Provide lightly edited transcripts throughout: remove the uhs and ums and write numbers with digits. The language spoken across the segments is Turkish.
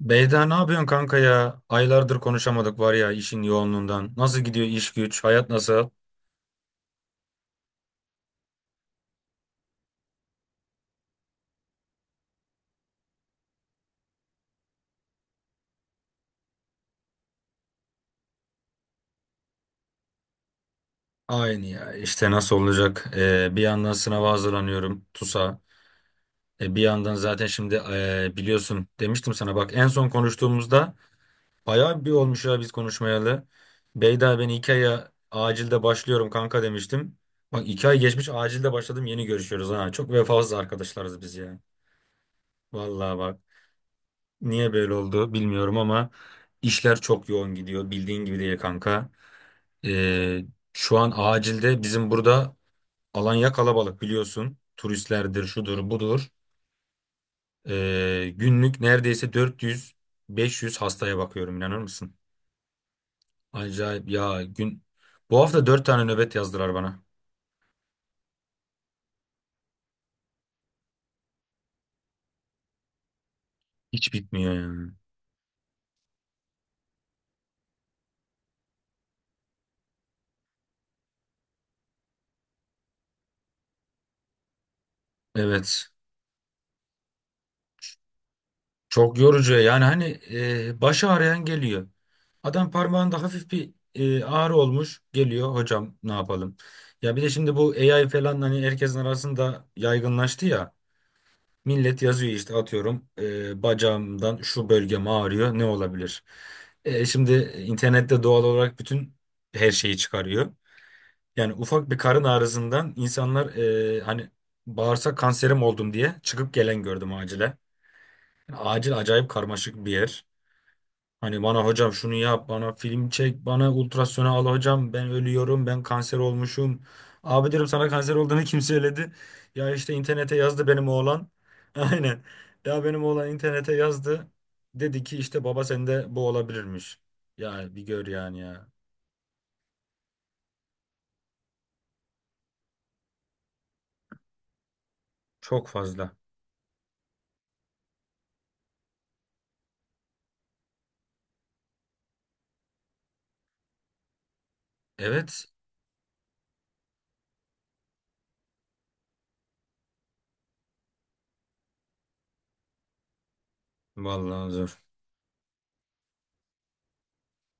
Beyda ne yapıyorsun kanka ya? Aylardır konuşamadık var ya işin yoğunluğundan. Nasıl gidiyor iş güç? Hayat nasıl? Aynı ya işte nasıl olacak? Bir yandan sınava hazırlanıyorum TUS'a. Bir yandan zaten şimdi biliyorsun demiştim sana, bak en son konuştuğumuzda bayağı bir olmuş ya biz konuşmayalı. Beyda, ben 2 aya acilde başlıyorum kanka demiştim. Bak, 2 ay geçmiş, acilde başladım, yeni görüşüyoruz ha. Çok vefasız arkadaşlarız biz ya. Vallahi bak. Niye böyle oldu bilmiyorum ama işler çok yoğun gidiyor, bildiğin gibi değil kanka. Ee, şu an acilde bizim burada Alanya kalabalık biliyorsun. Turistlerdir, şudur, budur. Günlük neredeyse 400-500 hastaya bakıyorum, inanır mısın? Acayip ya gün. Bu hafta 4 tane nöbet yazdılar bana. Hiç bitmiyor yani. Evet. Çok yorucu yani, hani başı ağrıyan geliyor. Adam parmağında hafif bir ağrı olmuş, geliyor, hocam ne yapalım. Ya bir de şimdi bu AI falan hani herkesin arasında yaygınlaştı ya. Millet yazıyor işte, atıyorum bacağımdan şu bölgem ağrıyor, ne olabilir? Şimdi internette doğal olarak bütün her şeyi çıkarıyor. Yani ufak bir karın ağrısından insanlar hani bağırsak kanserim oldum diye çıkıp gelen gördüm acile. Yani acil acayip karmaşık bir yer. Hani bana hocam şunu yap, bana film çek, bana ultrasona al hocam, ben ölüyorum, ben kanser olmuşum. Abi diyorum, sana kanser olduğunu kim söyledi? Ya işte internete yazdı benim oğlan. Aynen. Ya benim oğlan internete yazdı. Dedi ki işte baba sende bu olabilirmiş. Ya bir gör yani ya. Çok fazla. Evet. Vallahi zor.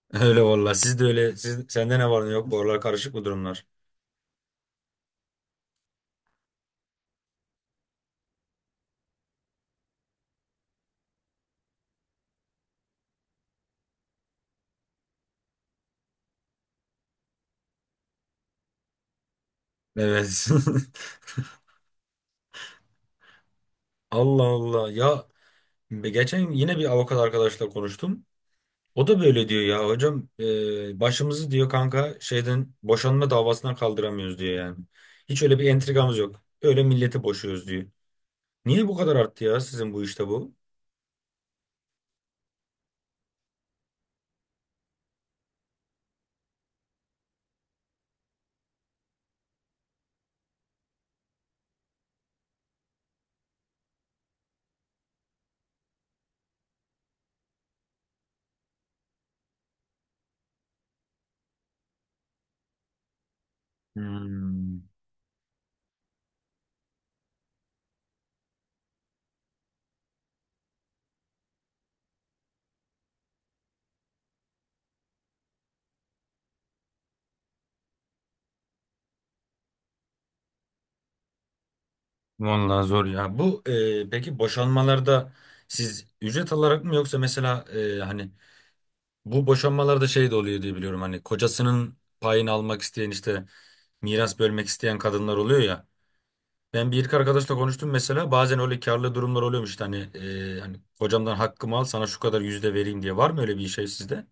Öyle vallahi. Siz de öyle. Siz, sende ne var ne yok? Bu aralar karışık mı durumlar? Evet. Allah Allah. Ya geçen yine bir avukat arkadaşla konuştum. O da böyle diyor ya hocam, başımızı diyor kanka şeyden, boşanma davasından kaldıramıyoruz diyor yani. Hiç öyle bir entrikamız yok. Öyle milleti boşuyoruz diyor. Niye bu kadar arttı ya sizin bu işte bu? Hmm, Vallahi zor ya. Peki, boşanmalarda siz ücret alarak mı, yoksa mesela hani bu boşanmalarda şey de oluyor diye biliyorum, hani kocasının payını almak isteyen, işte miras bölmek isteyen kadınlar oluyor ya. Ben bir iki arkadaşla konuştum, mesela bazen öyle karlı durumlar oluyormuş işte, hani hani hocamdan hakkımı al sana şu kadar yüzde vereyim diye, var mı öyle bir şey sizde?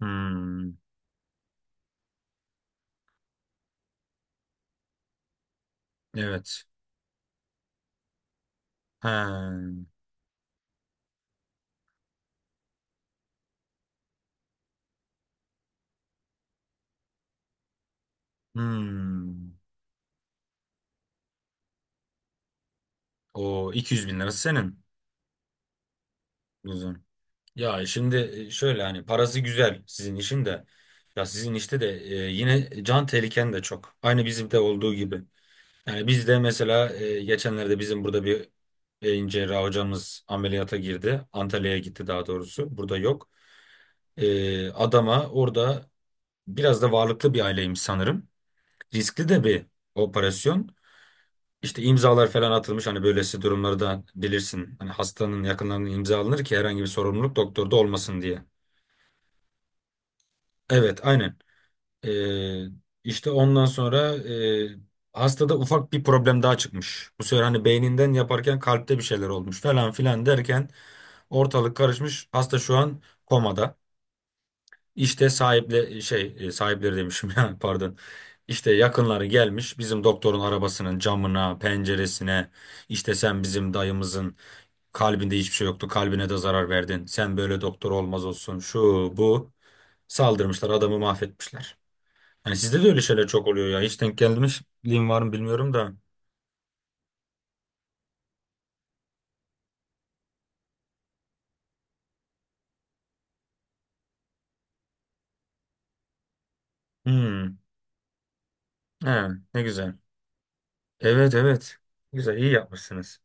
Hmm. Evet. Ha. Hmm. O 200 bin lirası senin. Güzel. Ya şimdi şöyle, hani parası güzel sizin işin de. Ya sizin işte de yine can tehliken de çok. Aynı bizim de olduğu gibi. Yani biz de mesela geçenlerde bizim burada bir beyin cerrahı hocamız ameliyata girdi. Antalya'ya gitti daha doğrusu. Burada yok. Adama orada, biraz da varlıklı bir aileymiş sanırım. Riskli de bir operasyon. İşte imzalar falan atılmış, hani böylesi durumlarda bilirsin. Hani hastanın yakınlarının imza alınır ki herhangi bir sorumluluk doktorda olmasın diye. Evet, aynen. E, işte ondan sonra hastada ufak bir problem daha çıkmış. Bu sefer hani beyninden yaparken kalpte bir şeyler olmuş falan filan derken ortalık karışmış. Hasta şu an komada. İşte sahipleri demişim ya, pardon. İşte yakınları gelmiş bizim doktorun arabasının camına, penceresine. İşte sen bizim dayımızın kalbinde hiçbir şey yoktu. Kalbine de zarar verdin. Sen böyle doktor olmaz olsun. Şu bu, saldırmışlar, adamı mahvetmişler. Hani sizde de öyle şeyler çok oluyor ya. Hiç denk gelmişliğim var mı bilmiyorum da. Hmm. He, ne güzel. Evet, evet. Güzel, iyi yapmışsınız.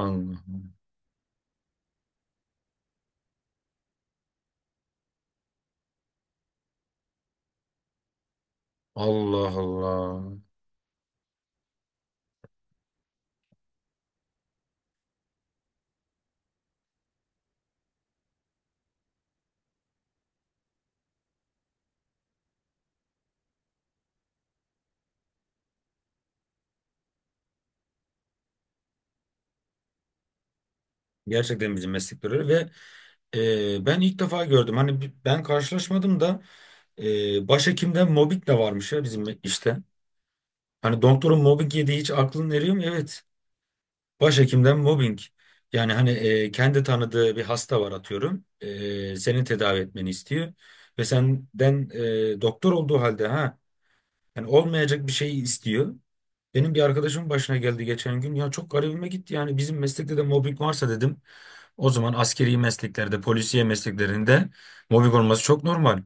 Allah Allah Allah. Gerçekten bizim meslek görüyor ve ben ilk defa gördüm. Hani ben karşılaşmadım da başhekimden mobbing de varmış ya bizim işte. Hani doktorun mobbing yediği hiç aklın eriyor mu? Evet. Başhekimden mobbing. Yani hani kendi tanıdığı bir hasta var, atıyorum. Seni tedavi etmeni istiyor. Ve senden doktor olduğu halde ha, yani olmayacak bir şeyi istiyor. Benim bir arkadaşımın başına geldi geçen gün. Ya çok garibime gitti, yani bizim meslekte de mobbing varsa dedim. O zaman askeri mesleklerde, polisiye mesleklerinde mobbing olması çok normal.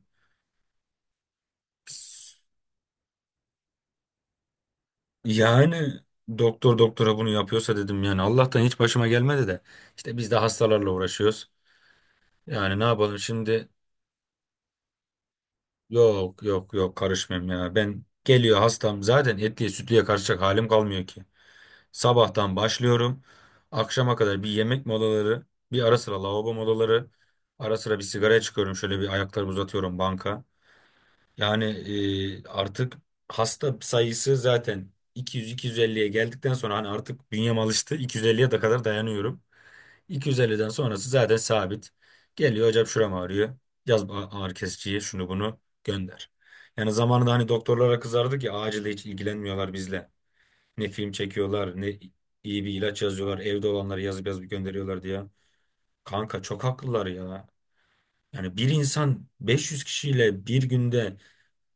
Yani doktor doktora bunu yapıyorsa dedim yani, Allah'tan hiç başıma gelmedi de. İşte biz de hastalarla uğraşıyoruz. Yani ne yapalım şimdi? Yok yok yok, karışmayayım ya. Ben geliyor hastam zaten, etliye sütlüye karışacak halim kalmıyor ki. Sabahtan başlıyorum. Akşama kadar bir yemek molaları, bir ara sıra lavabo molaları, ara sıra bir sigara çıkıyorum. Şöyle bir ayaklarımı uzatıyorum banka. Yani artık hasta sayısı zaten 200-250'ye geldikten sonra hani artık bünyem alıştı. 250'ye de kadar dayanıyorum. 250'den sonrası zaten sabit. Geliyor hocam şuram ağrıyor. Yaz bu ağrı kesiciye, şunu bunu gönder. Yani zamanında hani doktorlara kızardık ya, acilde hiç ilgilenmiyorlar bizle. Ne film çekiyorlar ne iyi bir ilaç yazıyorlar. Evde olanları yazıp yazıp gönderiyorlar diye. Kanka çok haklılar ya. Yani bir insan 500 kişiyle bir günde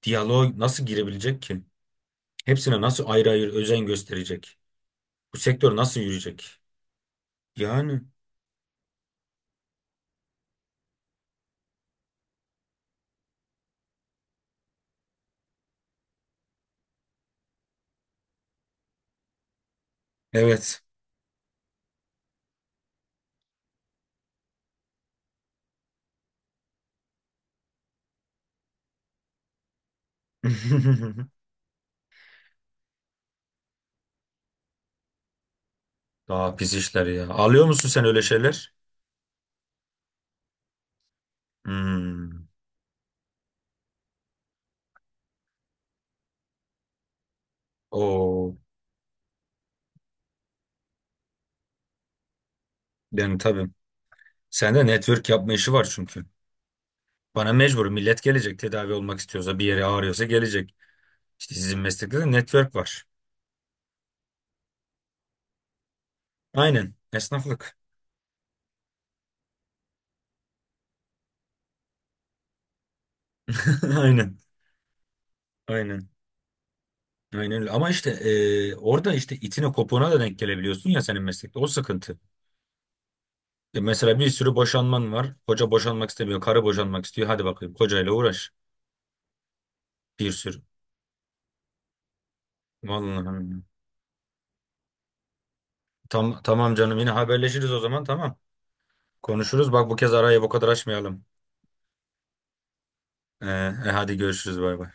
diyaloğa nasıl girebilecek ki? Hepsine nasıl ayrı ayrı özen gösterecek? Bu sektör nasıl yürüyecek? Yani evet. Daha pis işler ya. Alıyor musun sen öyle şeyler? Hmm. O benim tabii. Sende network yapma işi var çünkü. Bana mecbur millet gelecek, tedavi olmak istiyorsa, bir yere ağrıyorsa gelecek. İşte sizin meslekte de network var. Aynen. Esnaflık. Aynen. Aynen. Aynen öyle. Ama işte orada işte itine kopuğuna da denk gelebiliyorsun ya senin meslekte. O sıkıntı. Mesela bir sürü boşanman var. Koca boşanmak istemiyor. Karı boşanmak istiyor. Hadi bakayım kocayla uğraş. Bir sürü. Vallahi. Tamam, canım, yine haberleşiriz o zaman, tamam. Konuşuruz. Bak bu kez arayı bu kadar açmayalım. Hadi görüşürüz, bay bay.